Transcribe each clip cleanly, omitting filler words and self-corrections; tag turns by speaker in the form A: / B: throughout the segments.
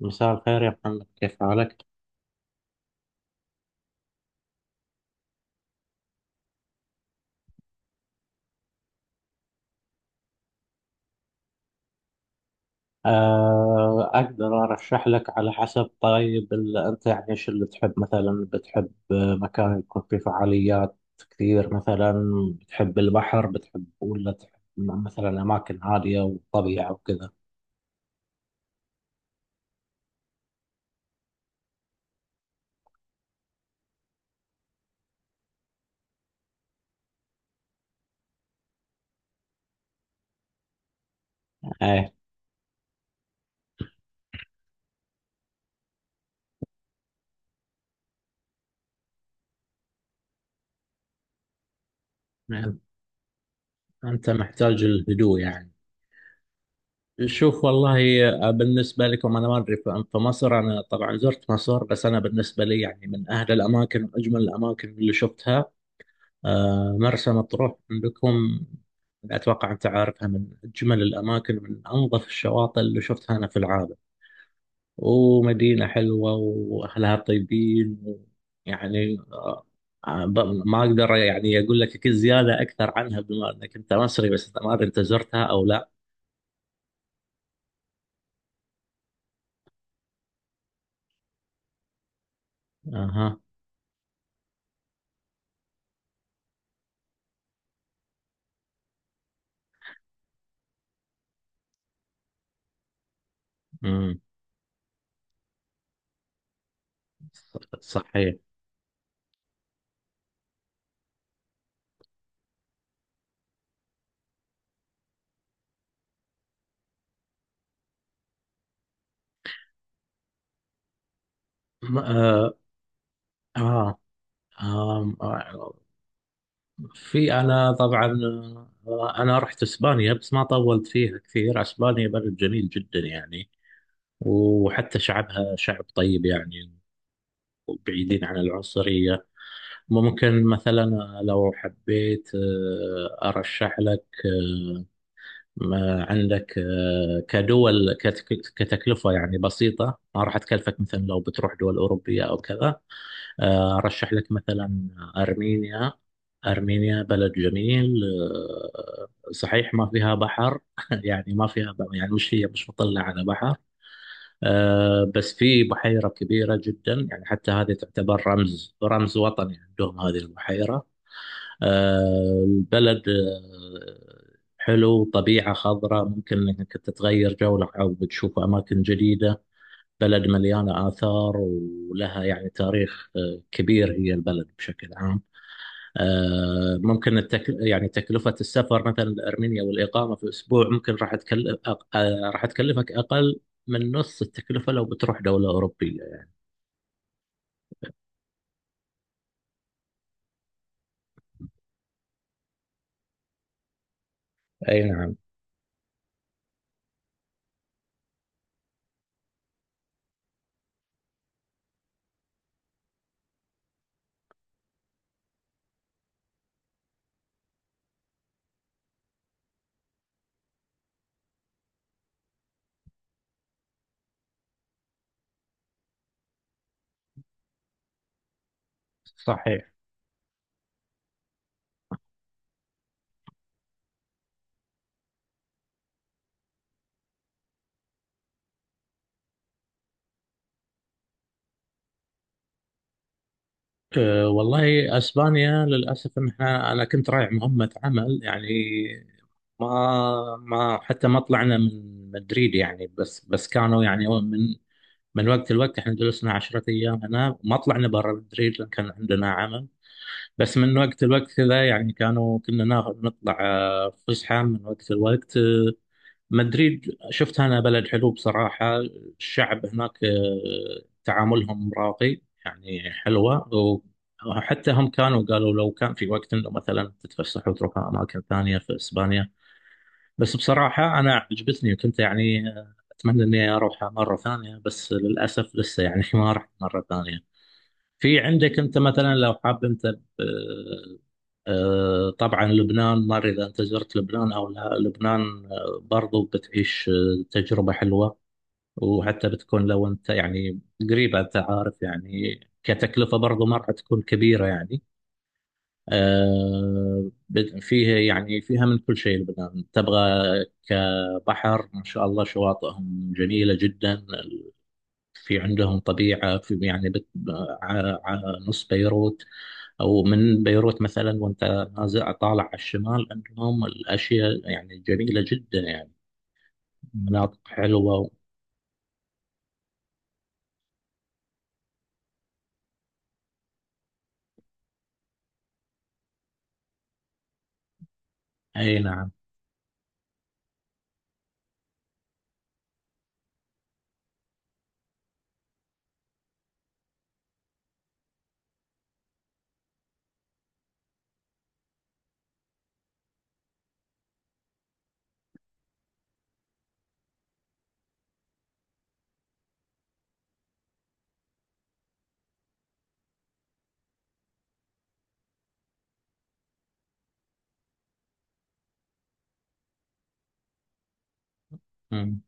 A: مساء الخير يا محمد، كيف حالك؟ أقدر أرشح لك على حسب. طيب أنت يعني إيش اللي تحب؟ مثلا بتحب مكان يكون فيه فعاليات كثير مثلا؟ بتحب البحر؟ بتحب ولا تحب مثلا أماكن هادية وطبيعة وكذا؟ إيه، أنت محتاج الهدوء يعني. شوف والله، بالنسبة لكم أنا ما أدري. في مصر أنا طبعا زرت مصر، بس أنا بالنسبة لي يعني من أهل الأماكن وأجمل الأماكن اللي شفتها، مرسى مطروح عندكم، أتوقع أنت عارفها. من أجمل الأماكن، من أنظف الشواطئ اللي شفتها أنا في العالم. ومدينة حلوة وأهلها طيبين يعني. آه، ب- ما أقدر يعني أقول لك كل زيادة أكثر عنها، بما أنك أنت مصري. بس ما أدري أنت زرتها أو لا. أها. أمم، صحيح. م- آه آه آه في. انا طبعا انا رحت اسبانيا، بس ما طولت فيها كثير. اسبانيا بلد جميل جدا يعني، وحتى شعبها شعب طيب يعني، وبعيدين عن العنصرية. ممكن مثلا لو حبيت ارشح لك. ما عندك كدول كتكلفة يعني بسيطة، ما راح تكلفك مثلا لو بتروح دول أوروبية أو كذا. أرشح لك مثلا أرمينيا. أرمينيا بلد جميل. صحيح ما فيها بحر يعني، ما فيها يعني مش هي مش مطلة على بحر. بس في بحيرة كبيرة جدا يعني، حتى هذه تعتبر رمز وطني عندهم هذه البحيرة. البلد حلو، طبيعة خضراء، ممكن انك تتغير جو او بتشوف اماكن جديدة. بلد مليانة آثار ولها يعني تاريخ كبير، هي البلد بشكل عام. ممكن يعني تكلفة السفر مثلا لأرمينيا والإقامة في أسبوع ممكن راح تكلف راح تكلفك أقل من نص التكلفة لو بتروح دولة أوروبية يعني. أي نعم. صحيح. أه، والله اسبانيا للاسف، ان احنا انا كنت رايح مهمه عمل يعني. ما حتى ما طلعنا من مدريد يعني. بس كانوا يعني من وقت لوقت. احنا جلسنا 10 ايام هنا، ما طلعنا برا مدريد لان كان عندنا عمل. بس من وقت لوقت كذا يعني كنا ناخذ نطلع فسحه من وقت لوقت. مدريد شفتها أنا، بلد حلو بصراحة. الشعب هناك تعاملهم راقي يعني، حلوة. وحتى هم كانوا قالوا لو كان في وقت انه مثلا تتفسح وتروح اماكن ثانيه في اسبانيا. بس بصراحه انا عجبتني، وكنت يعني اتمنى اني اروحها مره ثانيه، بس للاسف لسه يعني ما رحت مره ثانيه. في عندك انت مثلا، لو حاب انت طبعا لبنان. ما ادري اذا انت زرت لبنان او لا. لبنان برضو بتعيش تجربه حلوه. وحتى بتكون لو انت يعني قريبه، انت عارف يعني كتكلفه برضو ما راح تكون كبيره يعني. فيها يعني، فيها من كل شيء لبنان تبغى. كبحر ما شاء الله، شواطئهم جميله جدا. في عندهم طبيعه. يعني نص بيروت او من بيروت مثلا، وانت نازع طالع على الشمال، عندهم الاشياء يعني جميله جدا يعني، مناطق حلوه و... اي نعم. مم.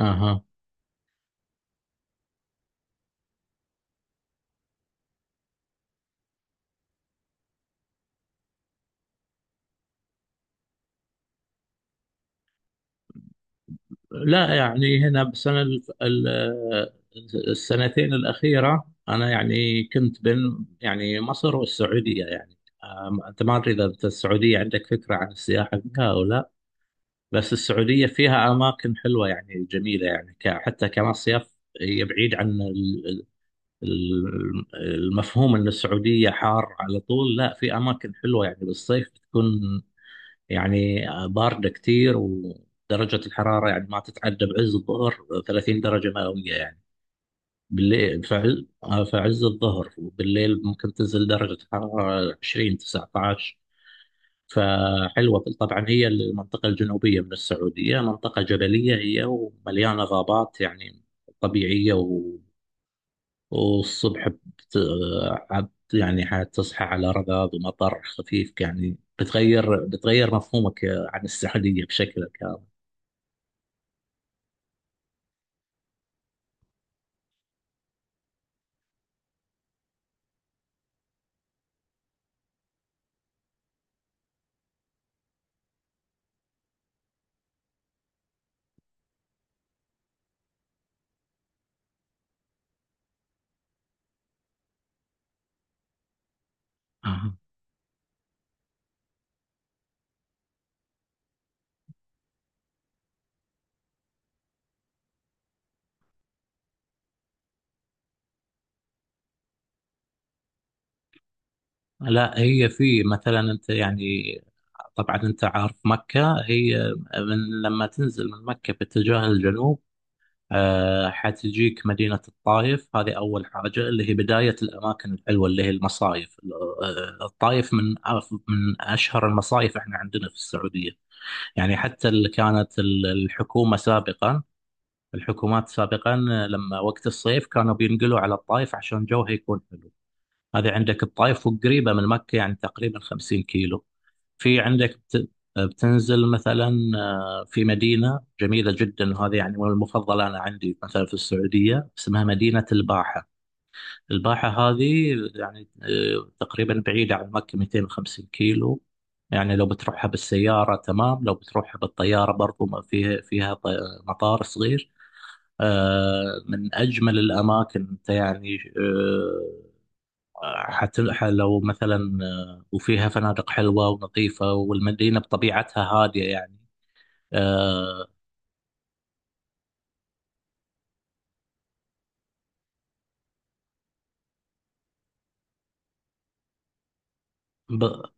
A: اها. لا يعني، هنا بسنه السنتين الاخيره انا يعني كنت بين يعني مصر والسعوديه يعني. انت ما ادري اذا انت السعوديه عندك فكره عن السياحه فيها او لا. بس السعوديه فيها اماكن حلوه يعني، جميله يعني، حتى كمصيف، هي بعيد عن المفهوم ان السعوديه حار على طول. لا، في اماكن حلوه يعني بالصيف تكون يعني بارده كتير، ودرجه الحراره يعني ما تتعدى بعز الظهر 30 درجه مئويه يعني. بالليل، فعز الظهر وبالليل ممكن تنزل درجه الحراره 20 19. فحلوه طبعا، هي المنطقه الجنوبيه من السعوديه، منطقه جبليه هي ومليانه غابات يعني طبيعيه. والصبح يعني حتصحى على رذاذ ومطر خفيف يعني، بتغير مفهومك عن السعودية بشكل كامل. أها. لا، هي في مثلا انت يعني، طبعا انت عارف مكة هي، من لما تنزل من مكة باتجاه الجنوب حتجيك مدينة الطايف. هذه أول حاجة اللي هي بداية الأماكن الحلوة اللي هي المصايف. الطايف من من أشهر المصايف احنا عندنا في السعودية. يعني حتى اللي كانت الحكومة سابقا، الحكومات سابقا، لما وقت الصيف كانوا بينقلوا على الطايف عشان جوها يكون حلو. هذه عندك الطايف، وقريبة من مكة يعني تقريبا 50 كيلو. في عندك بتنزل مثلا. في مدينة جميلة جدا، وهذه يعني من المفضلة أنا عندي مثلا في السعودية، اسمها مدينة الباحة. الباحة هذه يعني تقريبا بعيدة عن مكة 250 كيلو. يعني لو بتروحها بالسيارة تمام، لو بتروحها بالطيارة برضو ما فيها فيها ط- مطار صغير. من أجمل الأماكن أنت يعني. لو مثلا وفيها فنادق حلوة ونظيفة، والمدينة بطبيعتها هادية يعني. آه، ب-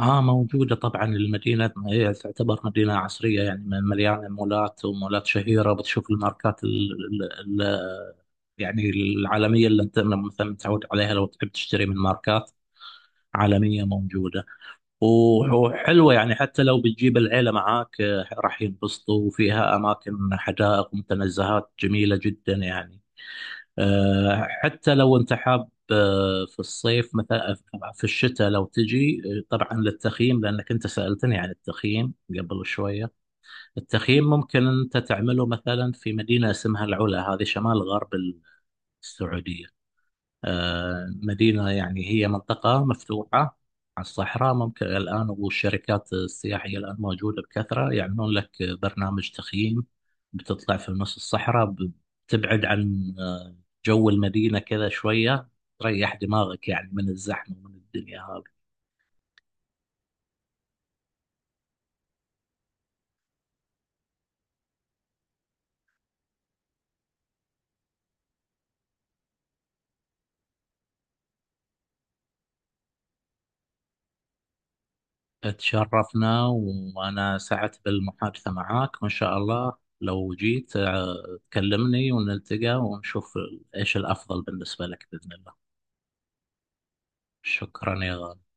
A: اه، موجودة طبعا. المدينة هي تعتبر مدينة عصرية يعني، مليانة مولات، ومولات شهيرة، بتشوف الماركات ال ال ال يعني العالمية، اللي انت مثلا متعود عليها، لو تحب تشتري من ماركات عالمية، موجودة. وحلوة يعني. حتى لو بتجيب العيلة معاك راح ينبسطوا، وفيها أماكن حدائق ومتنزهات جميلة جدا يعني. حتى لو انت حاب في الصيف مثلا، في الشتاء لو تجي طبعا للتخييم، لانك انت سالتني عن التخييم قبل شويه. التخييم ممكن انت تعمله مثلا في مدينه اسمها العلا، هذه شمال غرب السعوديه. مدينة يعني، هي منطقة مفتوحة على الصحراء. ممكن الآن، والشركات السياحية الآن موجودة بكثرة، يعملون لك برنامج تخييم. بتطلع في نص الصحراء، بتبعد عن جو المدينة كذا شوية، تريح دماغك يعني من الزحمة ومن الدنيا هذه. تشرفنا، وأنا سعدت بالمحادثة معاك، وإن شاء الله لو جيت تكلمني ونلتقى ونشوف إيش الأفضل بالنسبة لك بإذن الله. شكرا يا غالي.